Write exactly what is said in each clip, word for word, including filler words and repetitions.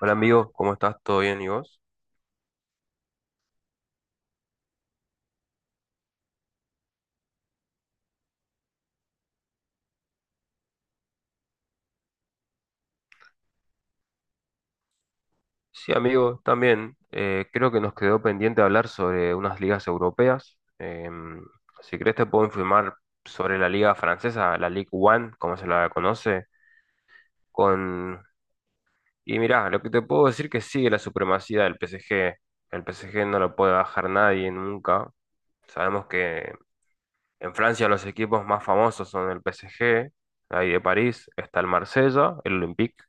Hola amigo, ¿cómo estás? ¿Todo bien? ¿Y vos? Sí, amigo, también. eh, creo que nos quedó pendiente hablar sobre unas ligas europeas. Em, si querés te puedo informar sobre la liga francesa, la Ligue uno, como se la conoce, con... Y mirá, lo que te puedo decir que sigue la supremacía del P S G. El P S G no lo puede bajar nadie nunca. Sabemos que en Francia los equipos más famosos son el P S G, ahí de París, está el Marsella, el Olympique,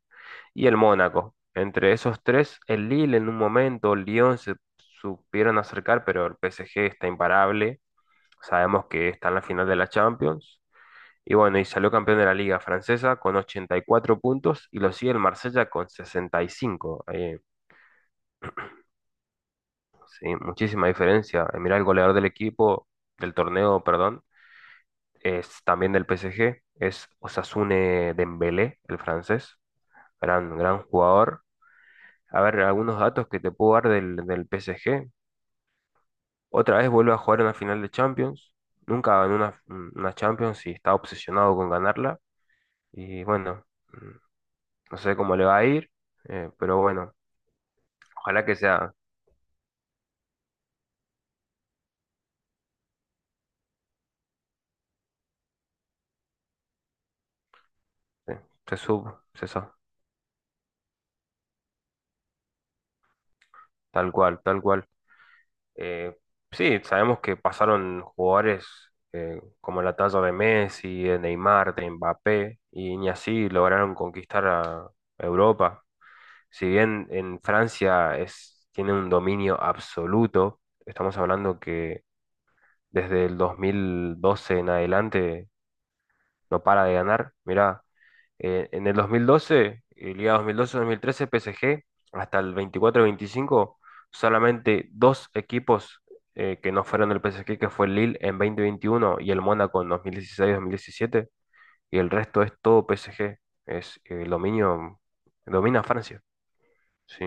y el Mónaco. Entre esos tres, el Lille en un momento, el Lyon se supieron acercar, pero el P S G está imparable. Sabemos que está en la final de la Champions. Y bueno, y salió campeón de la Liga Francesa con ochenta y cuatro puntos y lo sigue el Marsella con sesenta y cinco. Eh, sí, muchísima diferencia. Eh, mirá el goleador del equipo, del torneo, perdón, es también del P S G, es Osasune Dembélé, el francés. Gran, gran jugador. A ver, algunos datos que te puedo dar del, del P S G. Otra vez vuelve a jugar en la final de Champions. Nunca ganó una, una Champions y está obsesionado con ganarla. Y bueno, mm, no sé cómo le va a ir, eh, pero bueno, ojalá que sea, eh, se sub, se sa- tal cual, tal cual. Eh, sí, sabemos que pasaron jugadores eh, como la talla de Messi, de Neymar, de Mbappé, y ni así lograron conquistar a Europa. Si bien en Francia es, tiene un dominio absoluto, estamos hablando que desde el dos mil doce en adelante no para de ganar. Mirá, eh, en el dos mil doce, eh, Liga dos mil doce-dos mil trece, P S G, hasta el veinticuatro veinticinco solamente dos equipos eh, que no fueron del P S G, que fue el Lille en dos mil veintiuno y el Mónaco en dos mil dieciséis-dos mil diecisiete y el resto es todo P S G. Es eh, el dominio, domina Francia, sí.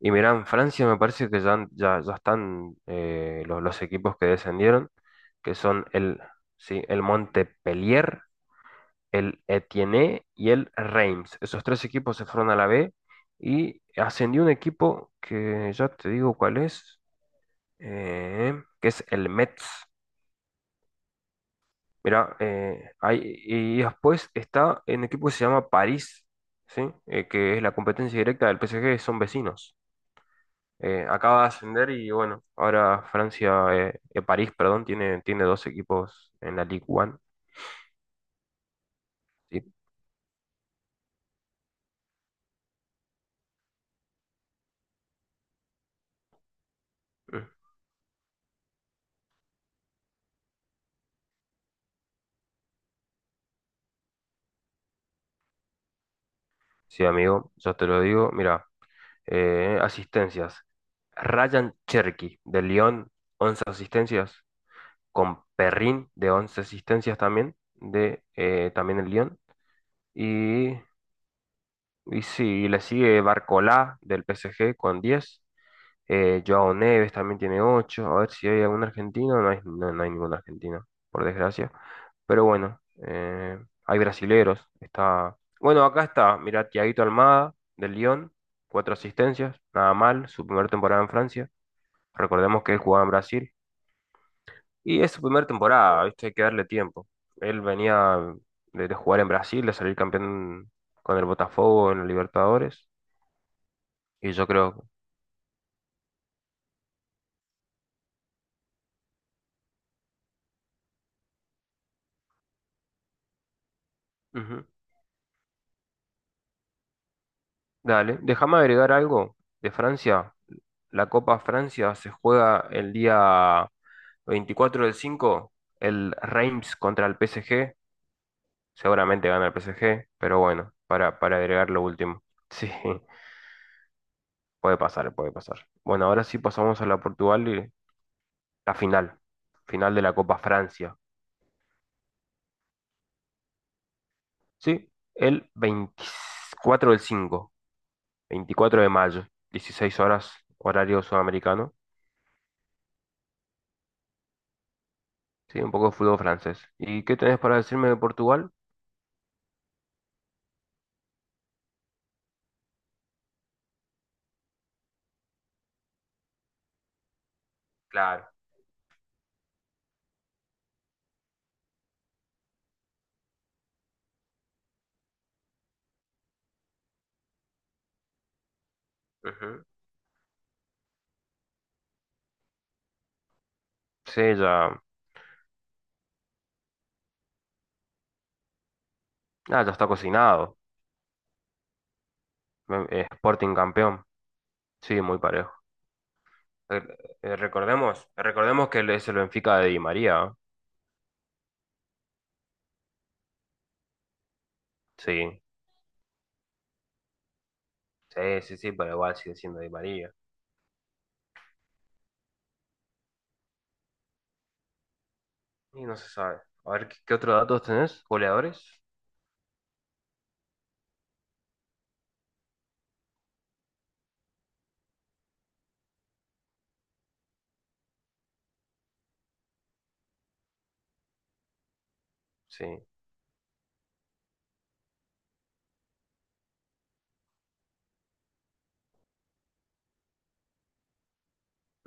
Y mirá, en Francia me parece que ya, han- ya, ya están eh, los, los equipos que descendieron, que son el, sí, el Montpellier, el Etienne y el Reims. Esos tres equipos se fueron a la B y ascendió un equipo que ya te digo cuál es, eh, que es el Metz. mira eh, y después está un equipo que se llama París, ¿sí? Eh, que es la competencia directa del P S G, son vecinos. eh, acaba de ascender y bueno, ahora Francia, eh, eh, París, perdón, tiene, tiene dos equipos en la Ligue un. Sí, Mm. Sí, amigo, yo te lo digo. Mira, eh, asistencias. Ryan Cherky de Lyon, once asistencias, con Perrin de once asistencias también, de eh, también el Lyon. Y, y sí, le sigue Barcola del P S G con diez. Eh, Joao Neves también tiene ocho. A ver si hay algún argentino. No hay, no, no hay ningún argentino, por desgracia. Pero bueno, eh, hay brasileros. Está... Bueno, acá está. Mira Thiaguito Almada, del Lyon. Cuatro asistencias. Nada mal. Su primera temporada en Francia. Recordemos que él jugaba en Brasil. Y es su primera temporada, ¿viste? Hay que darle tiempo. Él venía de, de jugar en Brasil, de salir campeón con el Botafogo en los Libertadores. Y yo creo... Ujú. Dale, déjame agregar algo de Francia. La Copa Francia se juega el día veinticuatro del cinco, el Reims contra el P S G. Seguramente gana el P S G, pero bueno, para, para agregar lo último. Sí, puede pasar, puede pasar. Bueno, ahora sí pasamos a la Portugal y la final. Final de la Copa Francia. Sí, el veinticuatro del cinco, veinticuatro de mayo, dieciséis horas, horario sudamericano. Sí, un poco de fútbol francés. ¿Y qué tenés para decirme de Portugal? Claro. Ujú. Sí, ya. Ah, ya está cocinado. Me- eh, Sporting campeón. Sí, muy parejo. Eh, eh, recordemos, recordemos que es el Benfica de Di María. ¿Eh? Sí, sí, sí, sí, pero igual sigue siendo Di María. Y no se sabe. A ver, ¿qué, qué otros datos tenés? ¿Goleadores? Sí.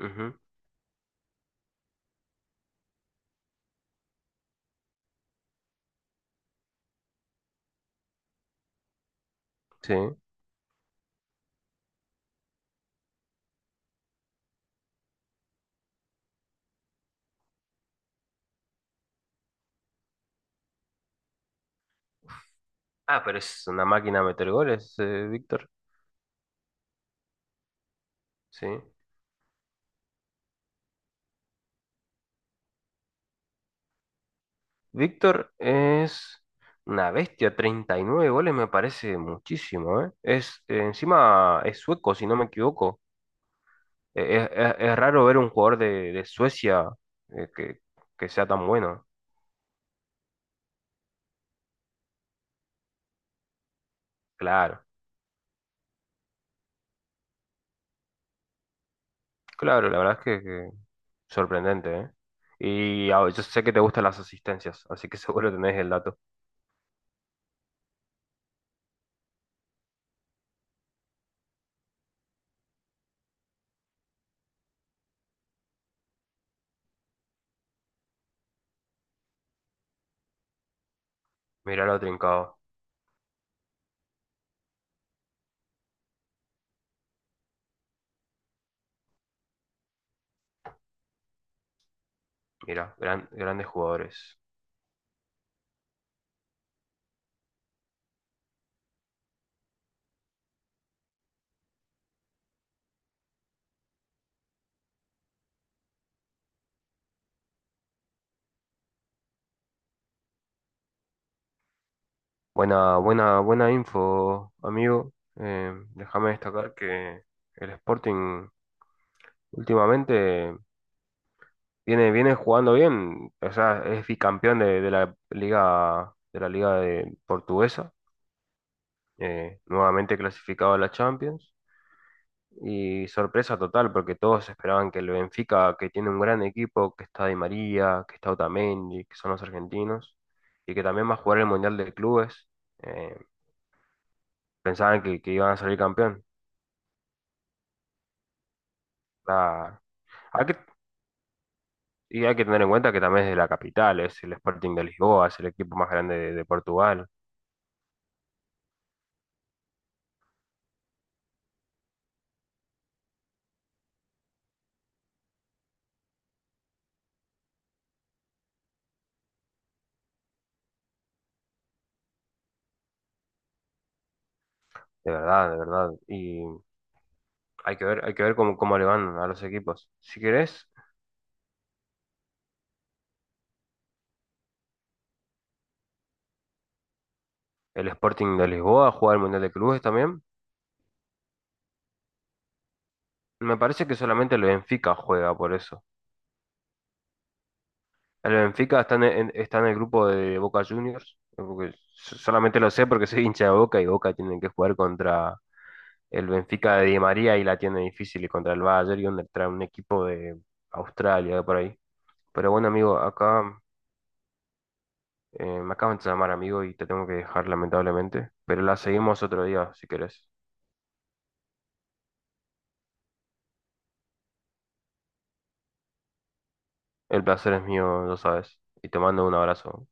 Ujú, sí. Ah, pero es una máquina a meter goles, eh, Víctor. Sí. Víctor es una bestia. Treinta y nueve goles me parece muchísimo, ¿eh? Es, eh, encima es sueco, si no me equivoco. Eh, Es, es- es raro ver un jugador de, de Suecia eh, que, que sea tan bueno. Claro, claro, la verdad es que, que sorprendente, ¿eh? Y ah, yo sé que te gustan las asistencias, así que seguro tenés el dato. Mirá lo trincado. Mirá, gran- grandes jugadores. Buena, buena, buena info, amigo. Eh, déjame destacar que el Sporting últimamente viene, viene jugando bien. O sea, es bicampeón de, de la liga, de la liga de portuguesa. eh, nuevamente clasificado a la Champions. Y sorpresa total, porque todos esperaban que el Benfica, que tiene un gran equipo, que está Di María, que está Otamendi, que son los argentinos, y que también va a jugar el Mundial de Clubes, eh, pensaban que, que iban a salir campeón. La- hay que- y hay que tener en cuenta que también es de la capital, es el Sporting de Lisboa, es el equipo más grande de, de Portugal, de verdad, de verdad. Y hay que ver, hay que ver cómo, cómo le van a los equipos. Si querés, el Sporting de Lisboa juega el Mundial de Clubes también. Me parece que solamente el Benfica juega por eso. El Benfica está en, en- está en el grupo de Boca Juniors, porque so- solamente lo sé porque soy hincha de Boca y Boca tienen que jugar contra el Benfica de Di María y la tiene difícil y contra el Bayern y contra un equipo de Australia por ahí. Pero bueno, amigo, acá eh, me acaban de llamar, amigo, y te tengo que dejar lamentablemente, pero la seguimos otro día si querés. El placer es mío, lo sabes, y te mando un abrazo.